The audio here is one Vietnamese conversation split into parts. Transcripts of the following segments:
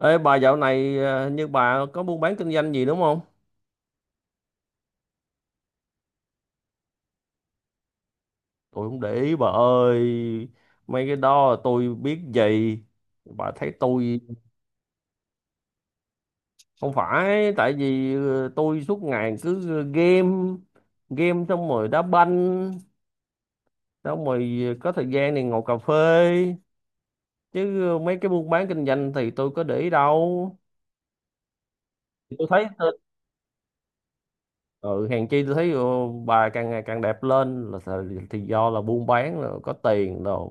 Ê bà dạo này à, như bà có buôn bán kinh doanh gì đúng không? Tôi không để ý bà ơi. Mấy cái đó tôi biết gì. Bà thấy tôi không phải tại vì tôi suốt ngày cứ game, game xong rồi đá banh xong rồi có thời gian thì ngồi cà phê, chứ mấy cái buôn bán kinh doanh thì tôi có để ý đâu. Tôi thấy ừ, hèn chi tôi thấy bà càng ngày càng đẹp lên là thì do là buôn bán là có tiền rồi.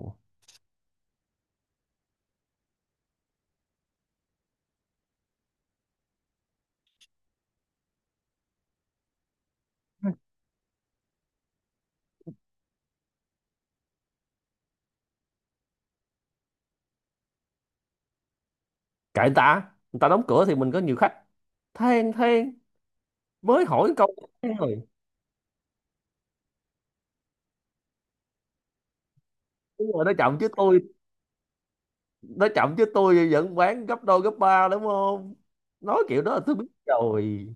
Kệ người ta, người ta đóng cửa thì mình có nhiều khách. Than mới hỏi câu. Than rồi, đúng rồi, nó chậm chứ tôi vẫn bán gấp đôi gấp ba đúng không, nói kiểu đó là tôi biết rồi.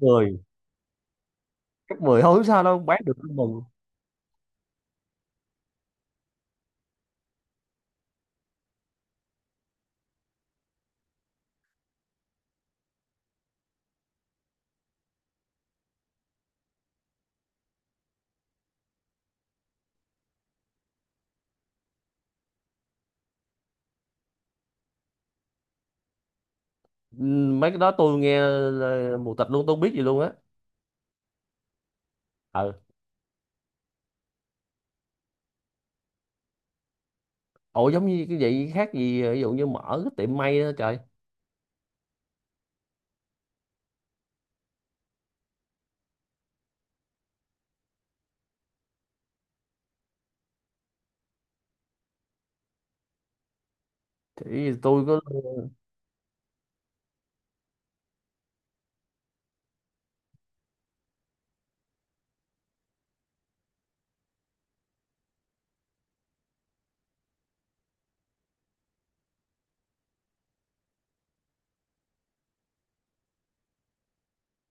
Mười, gấp mười thôi không sao đâu, bán được tôi mừng. Mấy cái đó tôi nghe là mù tịt luôn, tôi không biết gì luôn á. Ừ. Ủa, giống như cái vậy khác gì ví dụ như mở cái tiệm may đó trời. Thì tôi có.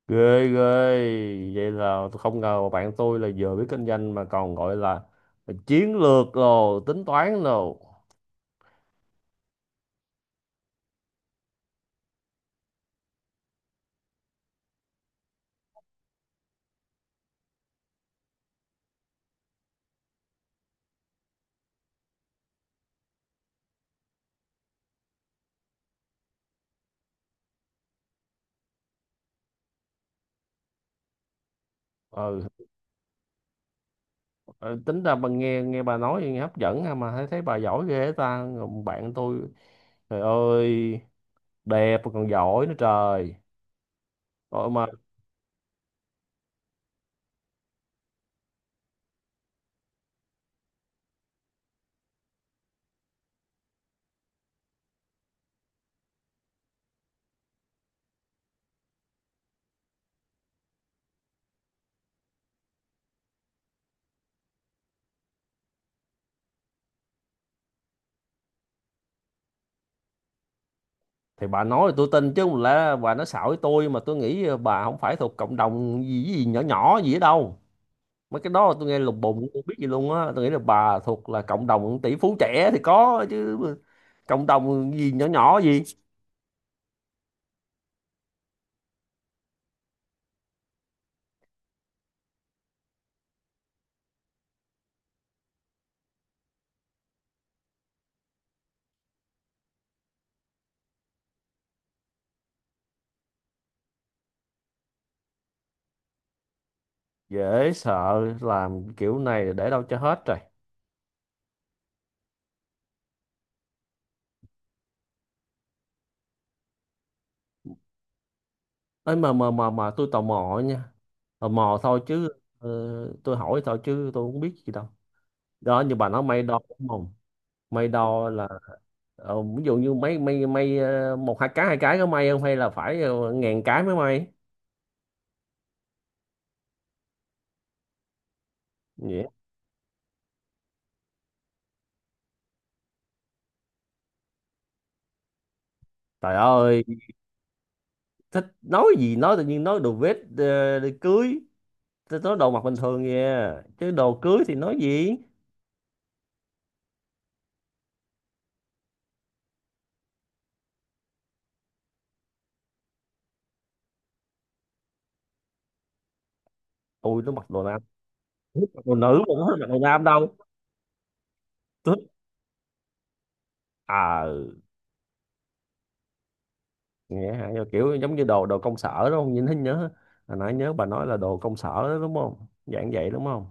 Ghê ghê, vậy là tôi không ngờ mà bạn tôi là vừa biết kinh doanh mà còn gọi là chiến lược rồi tính toán rồi. Ừ. ờ, Tính ra bà, nghe nghe bà nói nghe hấp dẫn ha, mà thấy, thấy bà giỏi ghê ta. Còn bạn tôi, trời ơi, đẹp mà còn giỏi nữa trời. Ôi mà thì bà nói thì tôi tin chứ không lẽ bà nói xạo với tôi, mà tôi nghĩ bà không phải thuộc cộng đồng gì gì nhỏ nhỏ gì ở đâu. Mấy cái đó tôi nghe lùng bùng, tôi không biết gì luôn á. Tôi nghĩ là bà thuộc là cộng đồng tỷ phú trẻ thì có chứ, cộng đồng gì nhỏ nhỏ gì. Dễ sợ, làm kiểu này để đâu cho hết rồi. Ấy mà tôi tò mò nha, tò mò thôi chứ. ờ, tôi hỏi thôi chứ tôi không biết gì đâu. Đó, như bà nói may đo đúng không? May đo là ví dụ như mấy may may một hai cái, hai cái có may không hay là phải ngàn cái mới may? Vậy. Trời ơi, thích nói gì nói tự nhiên, nói đồ vest để cưới. Tôi nói đồ mặc bình thường kìa, chứ đồ cưới thì nói gì. Ui, tôi mặc đồ nam. Tôi thích mặc đồ nữ mà, tôi không mặc đồ nam đâu. Tôi thích. À, nghe hả. Nhưng mà kiểu giống như đồ, đồ công sở đúng không, nhìn thấy nhớ hồi nãy nhớ bà nói là đồ công sở đó, đúng không, dạng vậy đúng không?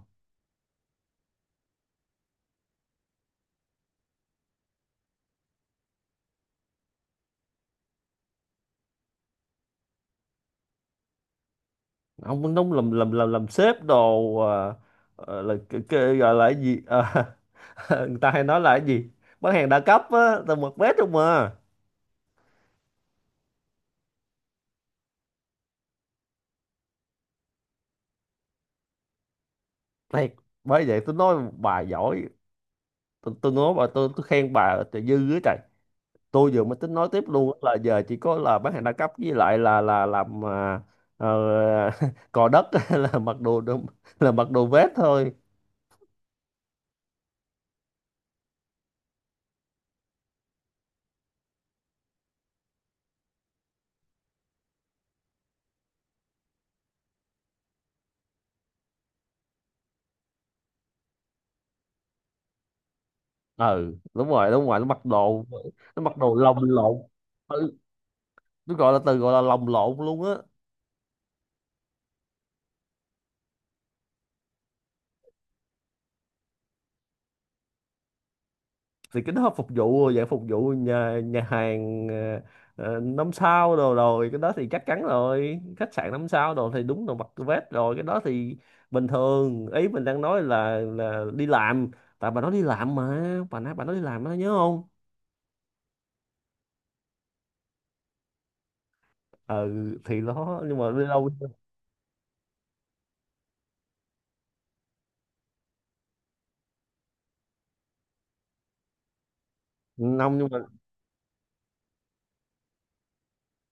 Không, đúng, làm sếp đồ là cái gọi là cái gì. Ờ, người ta hay nói là cái gì, bán hàng đa cấp á. Tôi mặc vest không mà. Thiệt. Bởi vậy tôi nói bà giỏi. Tôi nói bà, tôi khen bà trời dư á trời. Tôi vừa mới tính nói tiếp luôn á, là giờ chỉ có là bán hàng đa cấp với lại là làm ờ, cò đất là mặc đồ là mặc đồ vest thôi. Ừ, đúng rồi, đúng rồi, nó mặc đồ, nó mặc đồ lồng lộn. Ừ, tôi gọi là từ gọi là lồng lộn luôn á. Thì cái đó phục vụ, dạng phục vụ nhà, nhà hàng năm sao đồ, rồi cái đó thì chắc chắn rồi, khách sạn năm sao đồ thì đúng là mặc vest rồi, cái đó thì bình thường. Ý mình đang nói là đi làm, tại bà nói đi làm mà, bà nói đi làm đó, nhớ không? Ừ. Thì đó, nhưng mà đi đâu. Năm, nhưng mà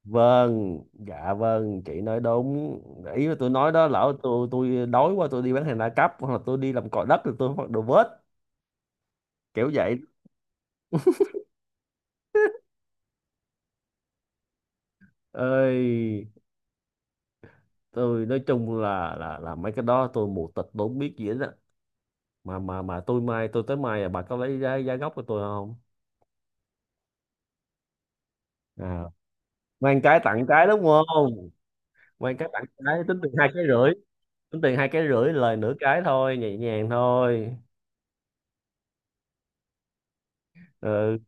vâng, dạ vâng, chị nói đúng. Ý là tôi nói đó, lỡ tôi đói quá tôi đi bán hàng đa cấp hoặc là tôi đi làm cò đất thì tôi mặc đồ vest kiểu vậy. Ơi, tôi nói chung là mấy cái đó tôi mù tịt, tôi không biết gì hết á. Mà tôi mai, tôi tới mai bà có lấy giá, giá gốc của tôi không? à, Mang cái tặng cái đúng không. Mang cái tặng cái, tính tiền hai cái rưỡi. Tính tiền hai cái rưỡi, lời nửa cái thôi, nhẹ nhàng thôi. Ừ.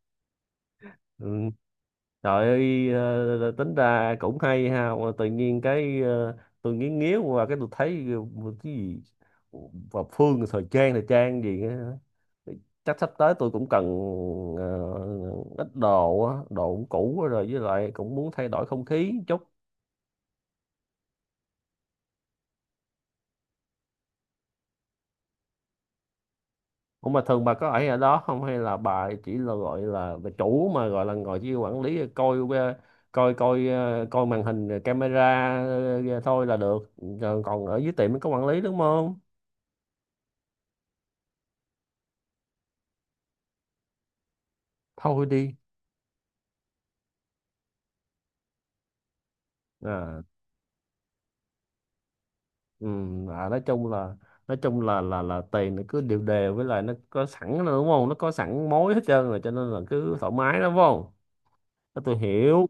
Ừ. Trời ơi. Ờ, Tính ra cũng hay ha, mà tự nhiên cái tôi nghiến nghiến qua cái tôi thấy cái gì, và Phương thời trang, thời trang gì á. Chắc sắp tới tôi cũng cần ờ, ít đồ á, đồ cũng cũ quá rồi với lại cũng muốn thay đổi không khí chút. Ủa mà thường bà có ở ở đó không hay là bà chỉ là gọi là bà chủ mà gọi là ngồi chỉ quản lý coi coi, coi coi màn hình rồi camera thôi là được? Rồi còn ở dưới tiệm mới có quản lý đúng không? Thôi đi. À, à, nói chung là, nói chung là tiền nó cứ đều đều, với lại nó có sẵn rồi đúng không, nó có sẵn mối hết trơn rồi cho nên là cứ thoải mái lắm phải không. Thế tôi hiểu.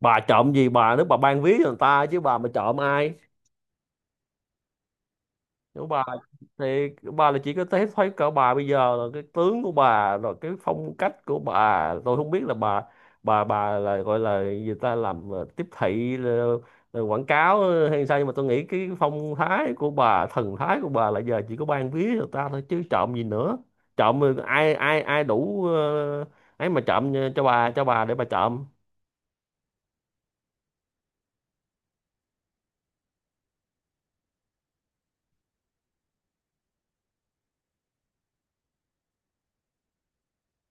Bà trộm gì bà, nếu bà ban ví cho người ta chứ bà mà trộm ai. Nếu bà thì bà là chỉ có thấy, thấy cỡ bà bây giờ là cái tướng của bà rồi, cái phong cách của bà, tôi không biết là bà, bà là gọi là người ta làm tiếp thị, quảng cáo hay sao, nhưng mà tôi nghĩ cái phong thái của bà, thần thái của bà là giờ chỉ có ban ví cho người ta thôi chứ trộm gì nữa. Trộm ai ai ai đủ ấy mà trộm cho bà, cho bà để bà trộm.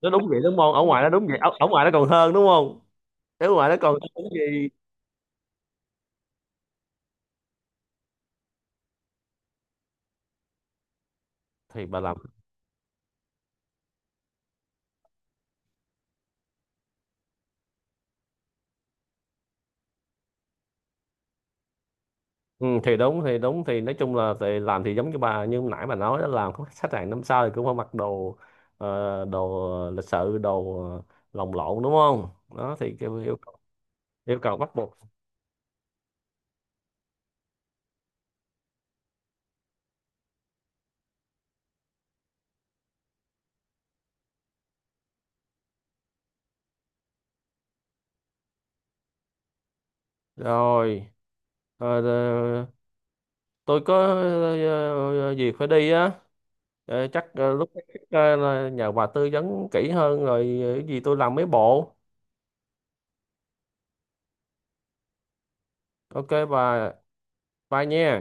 Nó đúng vậy đúng không, ở ngoài nó đúng vậy, ở, ở ngoài nó còn hơn đúng không. Ở ngoài nó còn cái gì. Thì bà làm. Ừ, thì đúng, thì đúng, thì nói chung là thì làm, thì giống như bà như nãy bà nói đó, làm có khách hàng năm sau thì cũng phải mặc đồ đồ lịch sự, đồ lồng lộn đúng không. Đó thì yêu cầu bắt buộc. Rồi, ờ, ờ, tôi có việc phải đi á. Ờ, chắc lúc khác là nhờ bà tư vấn kỹ hơn, rồi cái gì tôi làm mấy bộ. Ok bà, bye nha.